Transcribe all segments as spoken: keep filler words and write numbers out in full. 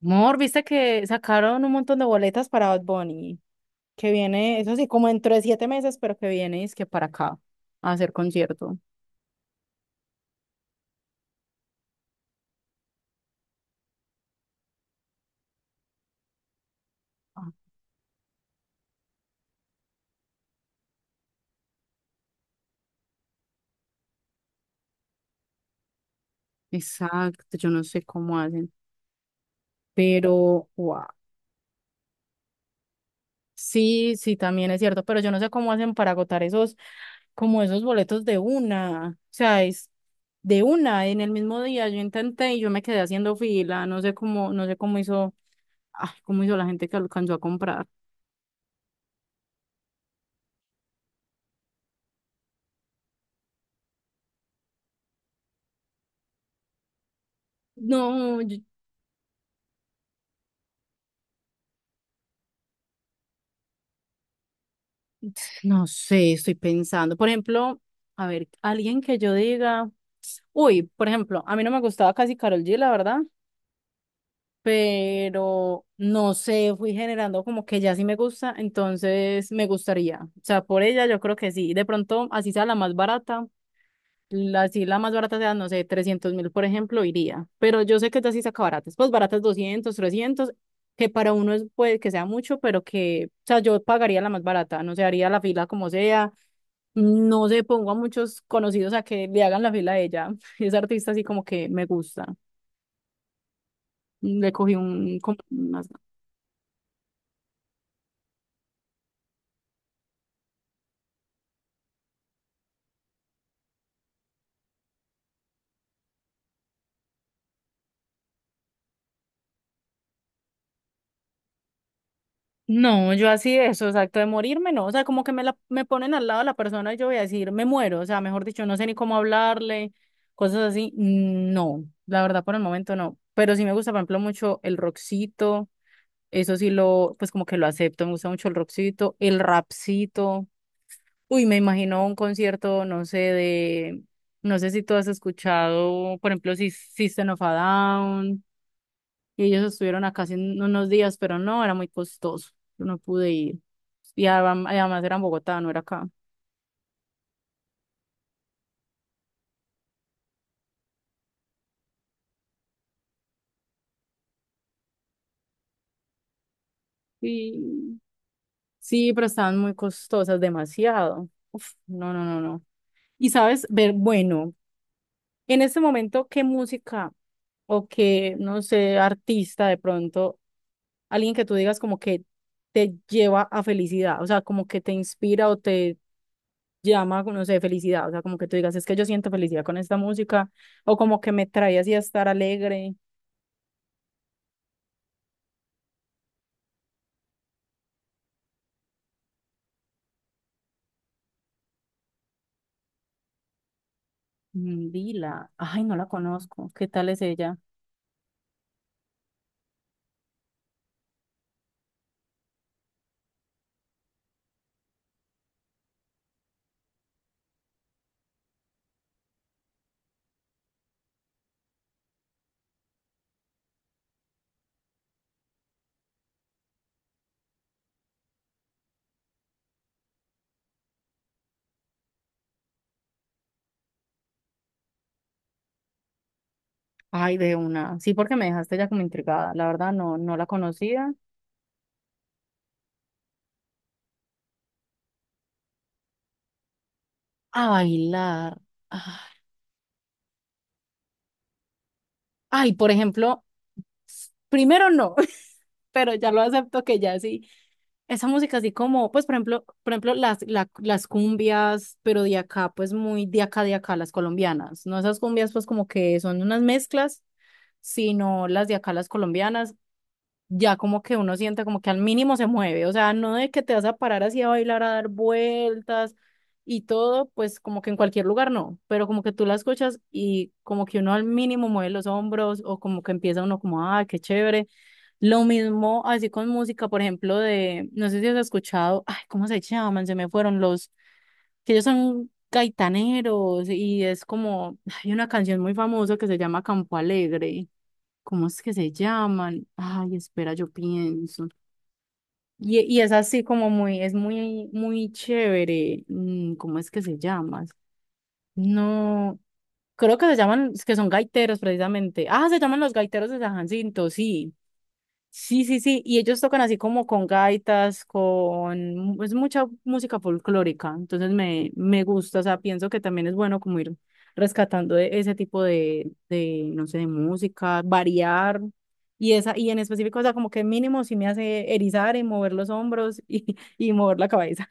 Mor, viste que sacaron un montón de boletas para Bad Bunny, que viene, eso sí, como dentro de siete meses, pero que viene es que para acá a hacer concierto. Ah. Exacto, yo no sé cómo hacen, pero wow. Sí, sí, también es cierto, pero yo no sé cómo hacen para agotar esos, como esos boletos de una, o sea, es de una, en el mismo día yo intenté y yo me quedé haciendo fila, no sé cómo, no sé cómo hizo, ah, cómo hizo la gente que alcanzó a comprar. No, yo- No sé, estoy pensando. Por ejemplo, a ver, alguien que yo diga, uy, por ejemplo, a mí no me gustaba casi Karol G, la verdad, pero no sé, fui generando como que ya sí me gusta, entonces me gustaría. O sea, por ella yo creo que sí. De pronto, así sea la más barata, la, así la más barata sea, no sé, trescientos mil, por ejemplo, iría. Pero yo sé que ya sí saca baratas, pues baratas doscientos trescientos que para uno es, puede que sea mucho, pero que, o sea, yo pagaría la más barata, no sé, haría la fila como sea no se pongo a muchos conocidos a que le hagan la fila a ella. Es artista así como que me gusta. Le cogí un, como unas- No, yo así de eso, exacto, de morirme, no. O sea, como que me la, me ponen al lado de la persona y yo voy a decir, me muero. O sea, mejor dicho, no sé ni cómo hablarle, cosas así. Mm, no, la verdad por el momento no. Pero sí me gusta, por ejemplo, mucho el rockcito. Eso sí lo, pues como que lo acepto. Me gusta mucho el rockcito, el rapcito. Uy, me imagino un concierto, no sé, de, no sé si tú has escuchado, por ejemplo, si System of a Down, y ellos estuvieron acá hace un- unos días, pero no, era muy costoso, yo no pude ir. Y adem- además era en Bogotá, no era acá. Sí, sí, pero estaban muy costosas, demasiado. Uf, no, no, no, no. Y sabes, ver, bueno, en este momento, ¿qué música? O que, no sé, artista de pronto, alguien que tú digas como que te lleva a felicidad, o sea, como que te inspira o te llama, no sé, felicidad, o sea, como que tú digas, es que yo siento felicidad con esta música, o como que me trae así a estar alegre. Mm, Dila, ay, no la conozco, ¿qué tal es ella? Ay, de una, sí, porque me dejaste ya como intrigada, la verdad no, no la conocía. A bailar. Ah. Ay, por ejemplo, primero no, pero ya lo acepto que ya sí. Esa música así como, pues por ejemplo, por ejemplo las, la- las cumbias, pero de acá, pues muy de acá, de acá, las colombianas. No esas cumbias pues como que son unas mezclas, sino las de acá, las colombianas, ya como que uno siente como que al mínimo se mueve, o sea, no de que te vas a parar así a bailar, a dar vueltas y todo, pues como que en cualquier lugar no, pero como que tú la escuchas y como que uno al mínimo mueve los hombros o como que empieza uno como, ah, qué chévere. Lo mismo así con música, por ejemplo, de, no sé si has escuchado, ay, ¿cómo se llaman? Se me fueron los, que ellos son gaitaneros y es como, hay una canción muy famosa que se llama Campo Alegre. ¿Cómo es que se llaman? Ay, espera, yo pienso. Y, y es así como muy, es muy, muy chévere. Mm, ¿Cómo es que se llaman? No, creo que se llaman, es que son gaiteros precisamente. Ah, se llaman los gaiteros de San Jacinto, sí. Sí, sí, sí, y ellos tocan así como con gaitas, con es mucha música folclórica, entonces me, me gusta, o sea, pienso que también es bueno como ir rescatando de- ese tipo de, de, no sé, de música, variar, y esa, y en específico, o sea, como que mínimo sí me hace erizar y mover los hombros y, y mover la cabeza.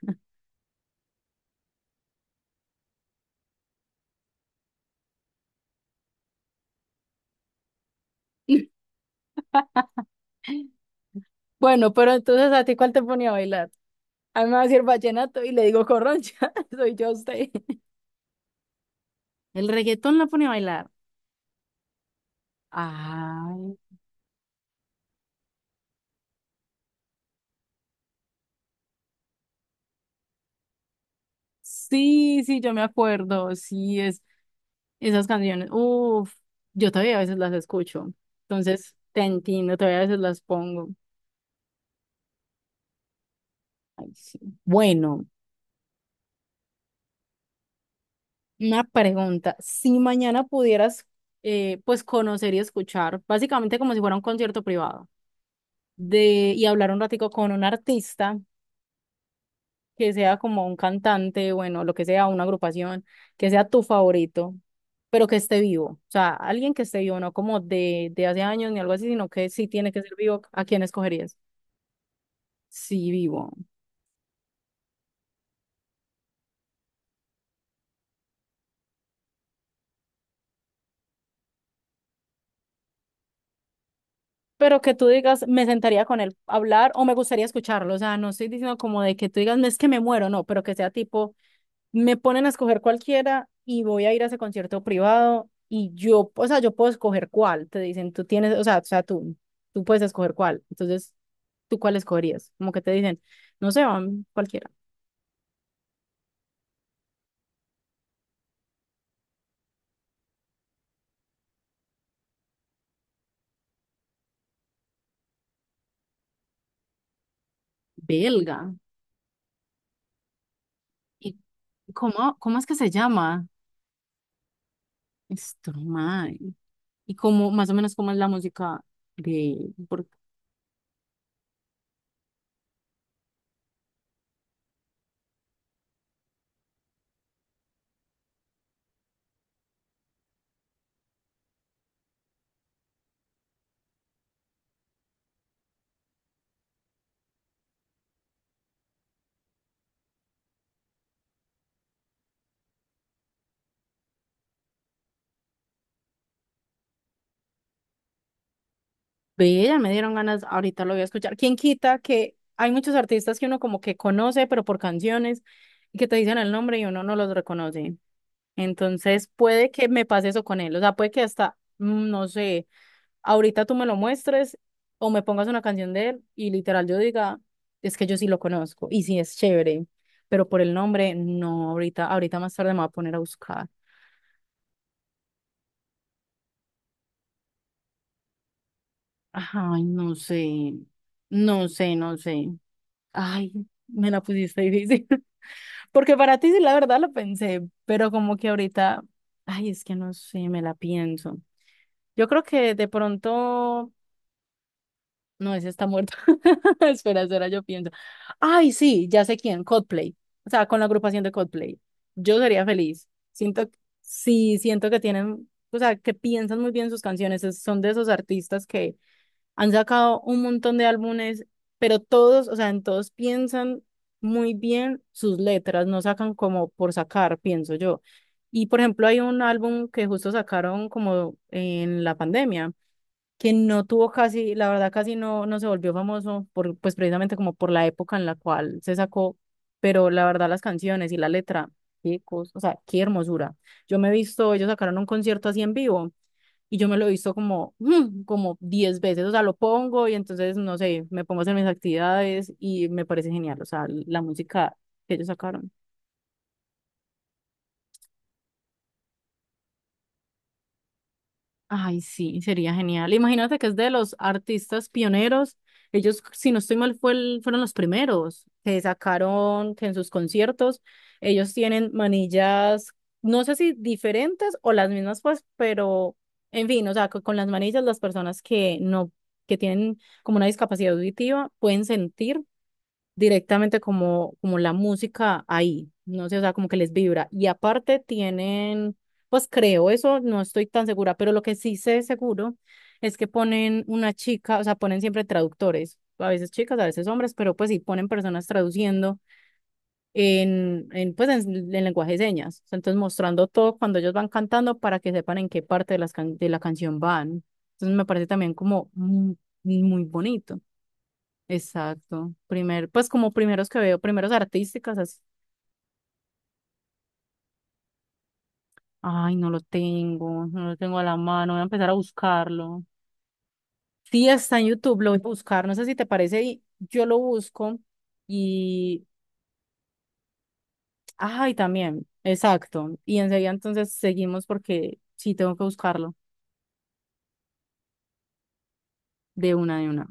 Bueno, pero entonces, ¿a ti cuál te ponía a bailar? A mí me va a decir vallenato y le digo corroncha, soy yo a usted. El reggaetón la pone a bailar. Ay. Sí, sí, yo me acuerdo, sí, es, esas canciones, uff, yo todavía a veces las escucho, entonces te entiendo, todavía a veces las pongo. Ay, sí. Bueno, una pregunta, si mañana pudieras, eh, pues, conocer y escuchar, básicamente como si fuera un concierto privado, de, y hablar un ratico con un artista, que sea como un cantante, bueno, lo que sea, una agrupación, que sea tu favorito, pero que esté vivo. O sea, alguien que esté vivo, no como de, de hace años ni algo así, sino que sí tiene que ser vivo. ¿A quién escogerías? Sí, vivo. Pero que tú digas, me sentaría con él a hablar o me gustaría escucharlo. O sea, no estoy diciendo como de que tú digas, no es que me muero, no, pero que sea tipo me ponen a escoger cualquiera y voy a ir a ese concierto privado y yo, o sea, yo puedo escoger cuál, te dicen, tú tienes, o sea, o sea, tú, tú puedes escoger cuál, entonces, ¿tú cuál escogerías? Como que te dicen, no sé, van cualquiera. Belga. ¿Y cómo, cómo es que se llama? Stromae. ¿Y cómo, más o menos, cómo es la música de por? Ve, ya me dieron ganas, ahorita lo voy a escuchar. ¿Quién quita que hay muchos artistas que uno como que conoce, pero por canciones, y que te dicen el nombre y uno no los reconoce? Entonces, puede que me pase eso con él. O sea, puede que hasta, mm, no sé, ahorita tú me lo muestres o me pongas una canción de él y literal yo diga, es que yo sí lo conozco y sí es chévere, pero por el nombre, no, ahorita, ahorita más tarde me voy a poner a buscar. Ay, no sé, no sé, no sé. Ay, me la pusiste difícil. Porque para ti sí, la verdad lo pensé, pero como que ahorita, ay, es que no sé, me la pienso. Yo creo que de pronto, no, ese está muerto. Espera, espera, yo pienso. Ay, sí, ya sé quién, Coldplay. O sea, con la agrupación de Coldplay. Yo sería feliz. Siento, sí, siento que tienen, o sea, que piensan muy bien sus canciones. es- Son de esos artistas que han sacado un montón de álbumes, pero todos, o sea, en todos piensan muy bien sus letras, no sacan como por sacar, pienso yo. Y por ejemplo, hay un álbum que justo sacaron como en la pandemia, que no tuvo casi, la verdad casi no, no se volvió famoso por, pues precisamente como por la época en la cual se sacó, pero la verdad las canciones y la letra, qué cosa, o sea, qué hermosura. Yo me he visto, ellos sacaron un concierto así en vivo y yo me lo he visto como, mm, como diez veces, o sea, lo pongo y entonces, no sé, me pongo a hacer mis actividades y me parece genial, o sea, la música que ellos sacaron. Ay, sí, sería genial. Imagínate que es de los artistas pioneros. Ellos, si no estoy mal, fue el- fueron los primeros que sacaron que en sus conciertos. Ellos tienen manillas, no sé si diferentes o las mismas, pues, pero en fin, o sea, co- con, las manillas las personas que no, que tienen como una discapacidad auditiva pueden sentir directamente como, como la música ahí, no sé, o sea, como que les vibra. Y aparte tienen, pues creo eso, no estoy tan segura, pero lo que sí sé seguro es que ponen una chica, o sea, ponen siempre traductores, a veces chicas, a veces hombres, pero pues sí ponen personas traduciendo en, en pues en, en lenguaje de señas. O sea, entonces mostrando todo cuando ellos van cantando para que sepan en qué parte de, las can- de la canción van. Entonces me parece también como muy, muy bonito. Exacto. Primer, pues como primeros que veo, primeros artísticas, así. Ay, no lo tengo, no lo tengo a la mano, voy a empezar a buscarlo. Sí, está en YouTube, lo voy a buscar, no sé si te parece, y yo lo busco y, ay, también, exacto. Y enseguida entonces seguimos porque sí tengo que buscarlo de una de una.